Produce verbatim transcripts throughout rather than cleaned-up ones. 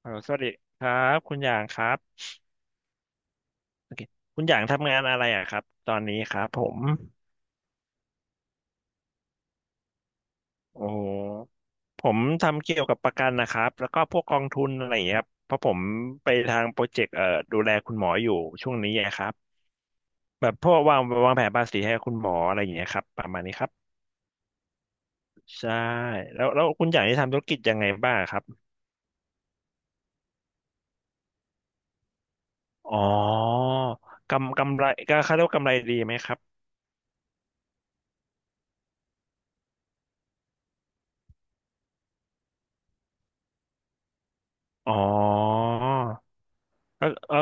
เออสวัสดีครับคุณหยางครับโอเคคุณหยางทำงานอะไรอ่ะครับตอนนี้ครับผมโอ้โหผมทำเกี่ยวกับประกันนะครับแล้วก็พวกกองทุนอะไรอย่างเงี้ยครับเพราะผมไปทางโปรเจกต์เอ่อดูแลคุณหมออยู่ช่วงนี้ไงครับแบบพวกวางวางแผนภาษีให้คุณหมออะไรอย่างเงี้ยครับประมาณนี้ครับใช่แล้วแล้วคุณหยางที่ทำธุรกิจยังไงบ้างครับอ๋อกำกำไรก็เขาเรียกว่ากำไรดีไหมครับอ๋อเออ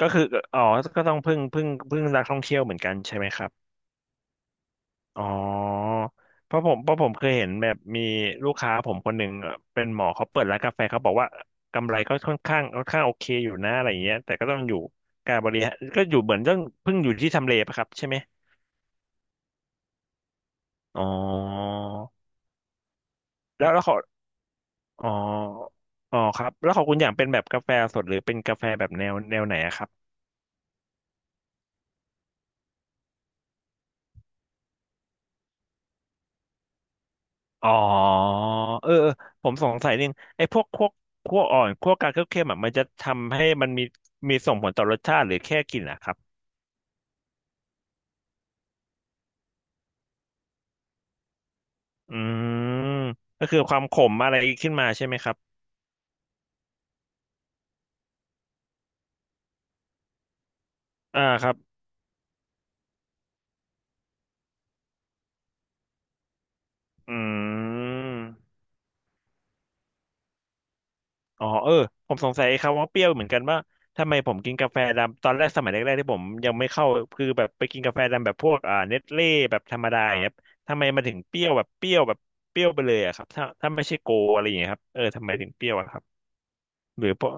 ก็คืออ๋อก็ต้องพึ่งพึ่งพึ่งนักท่องเที่ยวเหมือนกันใช่ไหมครับอ๋อเพราะผมเพราะผมเคยเห็นแบบมีลูกค้าผมคนหนึ่งเอ่อเป็นหมอเขาเปิดร้านกาแฟเขาบอกว่ากำไรก็ค่อนข้างค่อนข้างโอเคอยู่นะอะไรอย่างเงี้ยแต่ก็ต้องอยู่การบริหารก็อยู่เหมือนต้องเพึ่งอยู่ที่ทำเลปะครับใช่ไหมอ๋อแล้วแล้วเขาอ๋ออ๋อครับแล้วของคุณอย่างเป็นแบบกาแฟสดหรือเป็นกาแฟแบบแนวแนวไหนอะครับ อ๋อเออเออผมสงสัยนิดนึงไอ้พวกคั่วคั่วอ่อนคั่วกลางคั่วเค็มอ่ะมันจะทำให้มันมีมีส่งผลต่อรสชาติหรือแค่กลิ่นนะครับอืมก็คือความขมอะไรขึ้นมาใช่ไหมครับอ่าครับอืมอ๋อเออผมสงสัยครับว่าเปรี้ยวเหมือนกันว่าทำไมผมกินกาแฟดำตอนแรกสมัยแรกๆที่ผมยังไม่เข้าคือแบบไปกินกาแฟดำแบบพวกอ่าเน็ตเล่แบบธรรมดาอย่างเงี้ยครับทำไมมันถึงเปรี้ยวแบบเปรี้ยวแบบเปรี้ยวไปเลยอะครับถ้าถ้าไม่ใช่โกอะไรอย่างเงี้ยครับเออทำไมถึงเปรี้ยวอะครับ หรือปะ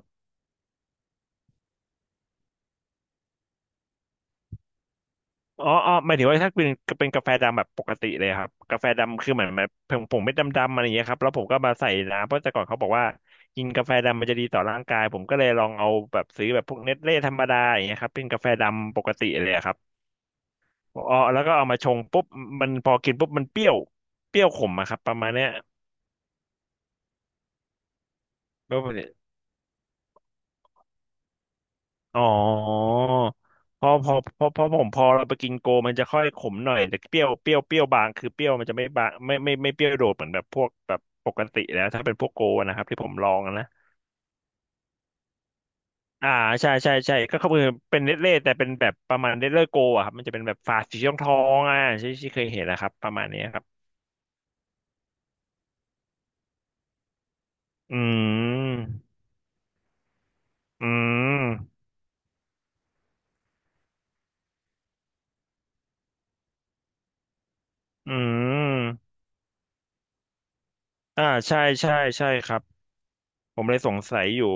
อ๋ออ๋อหมายถึงว่าถ้าเป็นเป็นกาแฟดำแบบปกติเลยครับกาแฟดำคือเหมือนแบบผมผมไม่ดำดำอะไรอย่างเงี้ยครับแล้วผมก็มาใส่น้ำเพราะแต่ก่อนเขาบอกว่ากินกาแฟดำมันจะดีต่อร่างกายผมก็เลยลองเอาแบบซื้อแบบพวกเนสเล่ธรรมดาอย่างเงี้ยครับเป็นกาแฟดำปกติเลยครับอ๋อแล้วก็เอามาชงปุ๊บมันพอกินปุ๊บมันเปรี้ยวเปรี้ยวขมอะครับประมาณเนี้ย อ๋อพอพอพอพอผมพอเราไปกินโกมันจะค่อยขมหน่อยแต่เปรี้ยวเปรี้ยวเปรี้ยวบางคือเปรี้ยวมันจะไม่บางไม่ไม่ไม่เปรี้ยวโดดเหมือนแบบพวกแบบปกติแล้วถ้าเป็นพวกโกนะครับที่ผมลองนะอ่าใช่ใช่ใช่ก็คือเป็นเนสเล่แต่เป็นแบบประมาณเนตเล่โกอะครับมันจะเป็นแบบฝาสีทองทองอ่ะที่ที่เคยเห็นนะครับประมาณนี้ครับอืมอืมอืมอ่าใช่ใช่ใช่ครับผมเลยสงสัยอยู่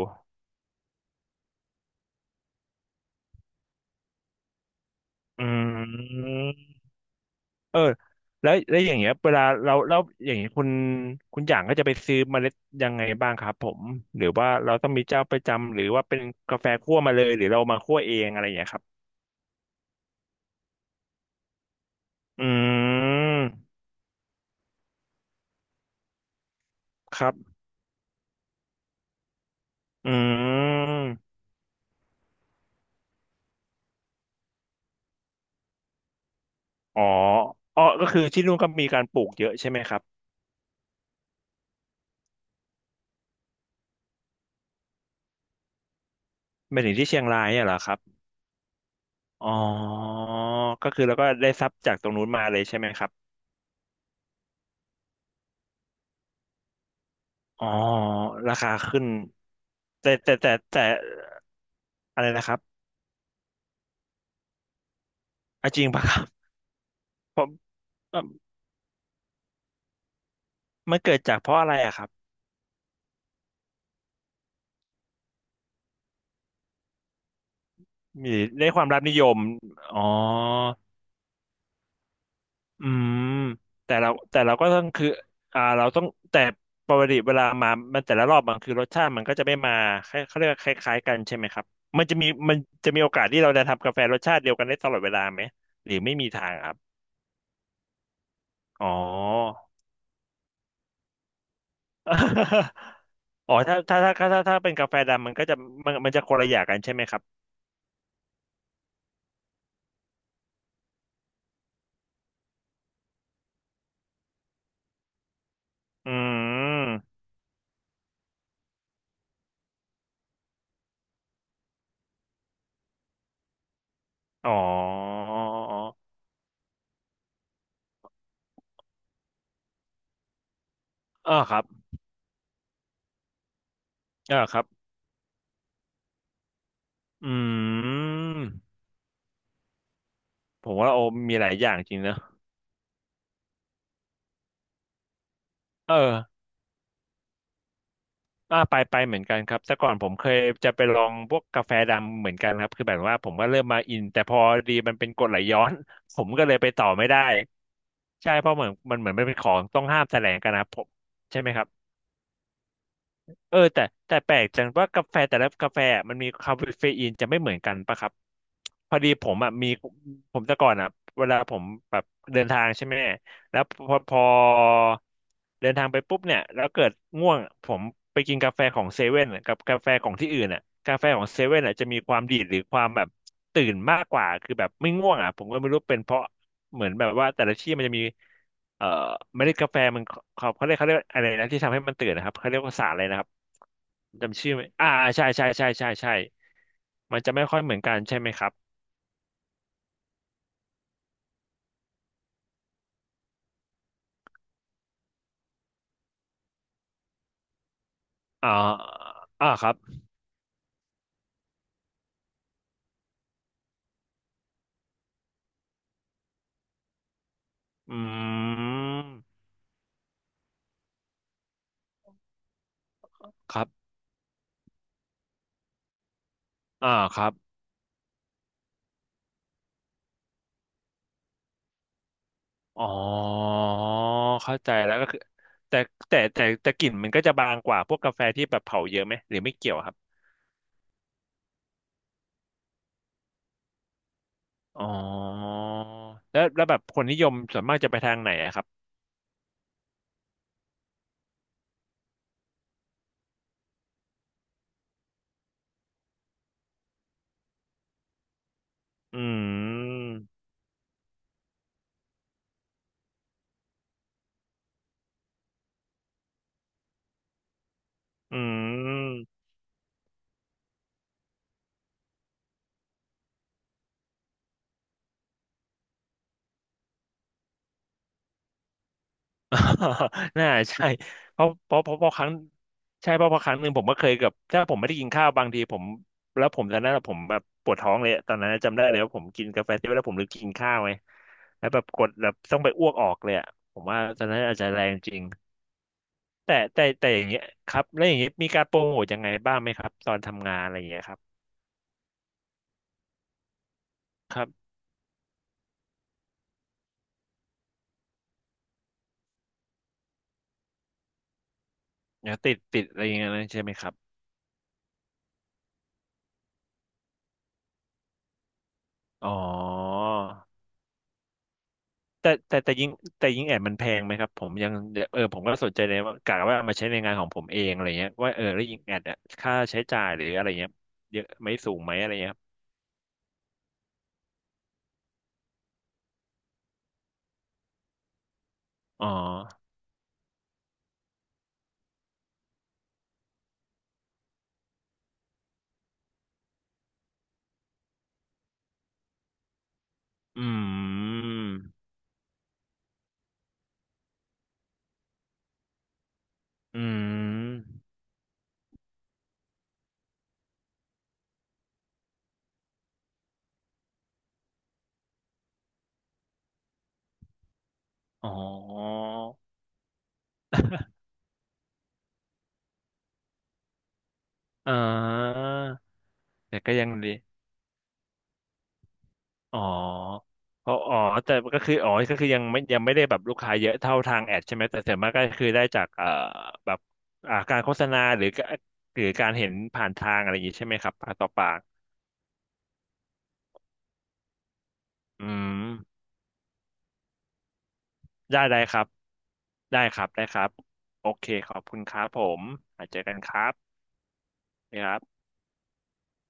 อืม เออแล้วแล้วอย่างเงี้ยเวลาเราเราอย่างเงี้ยคุณคุณอย่างก็จะไปซื้อเมล็ดยังไงบ้างครับผมหรือว่าเราต้องมีเจ้าประจำหรือว่าเป็นกาแฟคั่วมาเลยหรือเรามาคั่วเองอะไรอย่างเงี้ยครับอืมครับอืมอ๋ออ๋อก็คือที่นู่นก็มีการปลูกเยอะใช่ไหมครับไม่ถึงที่เชียงรายเนี่ยเหรอครับอ๋อก็คือเราก็ได้ทรัพย์จากตรงนู้นมาเลยใช่ไหมครับอ๋อราคาขึ้นแต่แต่แต่แต่อะไรนะครับอ่ะจริงปะครับ มันเกิดจากเพราะอะไรอะครับ มีได้ความรับนิยม อ๋ออืมแต่เราแต่เราก็ต้องคืออ่าเราต้องแต่ปกติเวลามามันแต่ละรอบมันคือรสชาติมันก็จะไม่มาคล้ายเขาเรียกว่าคล้ายๆกันใช่ไหมครับ มันจะมีมันจะมีโอกาสที่เราจะทำกาแฟรสชาติเดียวกันได้ตลอดเวลาไหมหรือไม่มีทางครับ อ๋อ อ๋อถ้าถ้าถ้าถ้าถ้าถ้าเป็นกาแฟดำมันก็จะมันมันจะคนละอย่างกันใช่ไหมครับอืมอ๋ออ๋อครับอ่าครับ อืมผมว่าโอมีหลายอย่างจริงเนอะเอออ่าไปไปเหมือนกันครับแต่ก่อนผมเคยจะไปลองพวกกาแฟดำเหมือนกันครับคือแบบว่าผมก็เริ่มมาอินแต่พอดีมันเป็นกรดไหลย้อน ผมก็เลยไปต่อไม่ได้ใช่เพราะเหมือนมันเหมือนมันเป็นของต้องห้ามแสลงกันนะครับผมใช่ไหมครับ เออแต่แต่แปลกจังว่ากาแฟแต่ละกาแฟอะมันมีคาเฟอีนจะไม่เหมือนกันปะครับพอดีผมอ่ะมีผมแต่ก่อนอ่ะเวลาผมแบบเดินทางใช่ไหมแล้วพอพอเดินทางไปปุ๊บเนี่ยแล้วเกิดง่วงผมไปกินกาแฟของเซเว่นกับกาแฟของที่อื่นอ่ะกาแฟของเซเว่นอ่ะจะมีความดีดหรือความแบบตื่นมากกว่าคือแบบไม่ง่วงอ่ะผมก็ไม่รู้เป็นเพราะเหมือนแบบว่าแต่ละที่มันจะมี เอ่อเมล็ดกาแฟมันเขาเขาเรียกเขาเรียกอะไรนะที่ทำให้มันตื่นนะครับเขาเรียกว่าสารอะไรนะครับจำชื่อไม่อ่าใช่ใช่ใช่ใช่ใช่มันจะไม่ค่อยเหมือนกันใช่ไหมครับอ่าอ่าครับอืมครับอ่าครับอ๋อเข้าใจแล้วก็คือแต่แต่แต่แต่กลิ่นมันก็จะบางกว่าพวกกาแฟที่แบบเผาเยอะไหมหรือไม่เกี่ยวครับอ๋อแล้วแล้วแบบคนนิยมส่วนมากจะไปทางไหนอะครับอืมอืม น่าใช่เพราะเพราะเพราะเพราะครั้งใช่เพราะเพราะครั้งหนึ่งผมก็เคยกับถ้าผมไม่ได้กินข้าวบางทีผมแล้วผมตอนนั้นอะผมแบบปวดท้องเลยตอนนั้นจำได้เลยว่าผมกินกาแฟเสร็จแล้วผมลืมกินข้าวไงแล้วแบบกดแบบต้องไปอ้วกออกเลยอะผมว่าตอนนั้นอาจจะแรงจริงแต่แต่แต่อย่างเงี้ยครับแล้วอย่างเงี้ยมีการโปรโมทยังไงบ้างไหมครับตอนทำงานอะไรอย่างเงี้ยครับครับเดี๋ยวติดติดอะไรอย่างเงี้ยนะใช่ไหมครับอ๋อ แต่แต่แต่ยิงแต่ยิงแอดมันแพงไหมครับผมยังเออผมก็สนใจเลยว่ากะว่าเอามาใช้ในงานของผมเองอะไรเงี้ยว่าเออแล้วยิงแอดอะค่าใช้จ่ายหรืออะไรเงี้ยเยอะไหมสูงไหมอะไรเงี้ยครับอ๋ออืมอืมอ๋อ อ่าแต่ก็ยังดี อ๋อเพราะอ๋อแต่ก็คืออ๋อก็คือยังไม่ยังไม่ได้แบบลูกค้าเยอะเท่าทางแอดใช่ไหมแต่ส่วนมากก็คือได้จากเอ่อแบบอ่าการโฆษณาหรือก็หรือการเห็นผ่านทางอะไรอย่างนี้ใช่ไหมครับปากต่อปากอืมได้ได้ครับได้ครับได้ครับโอเคขอบคุณครับผมอาจเจอกันครับนะครับ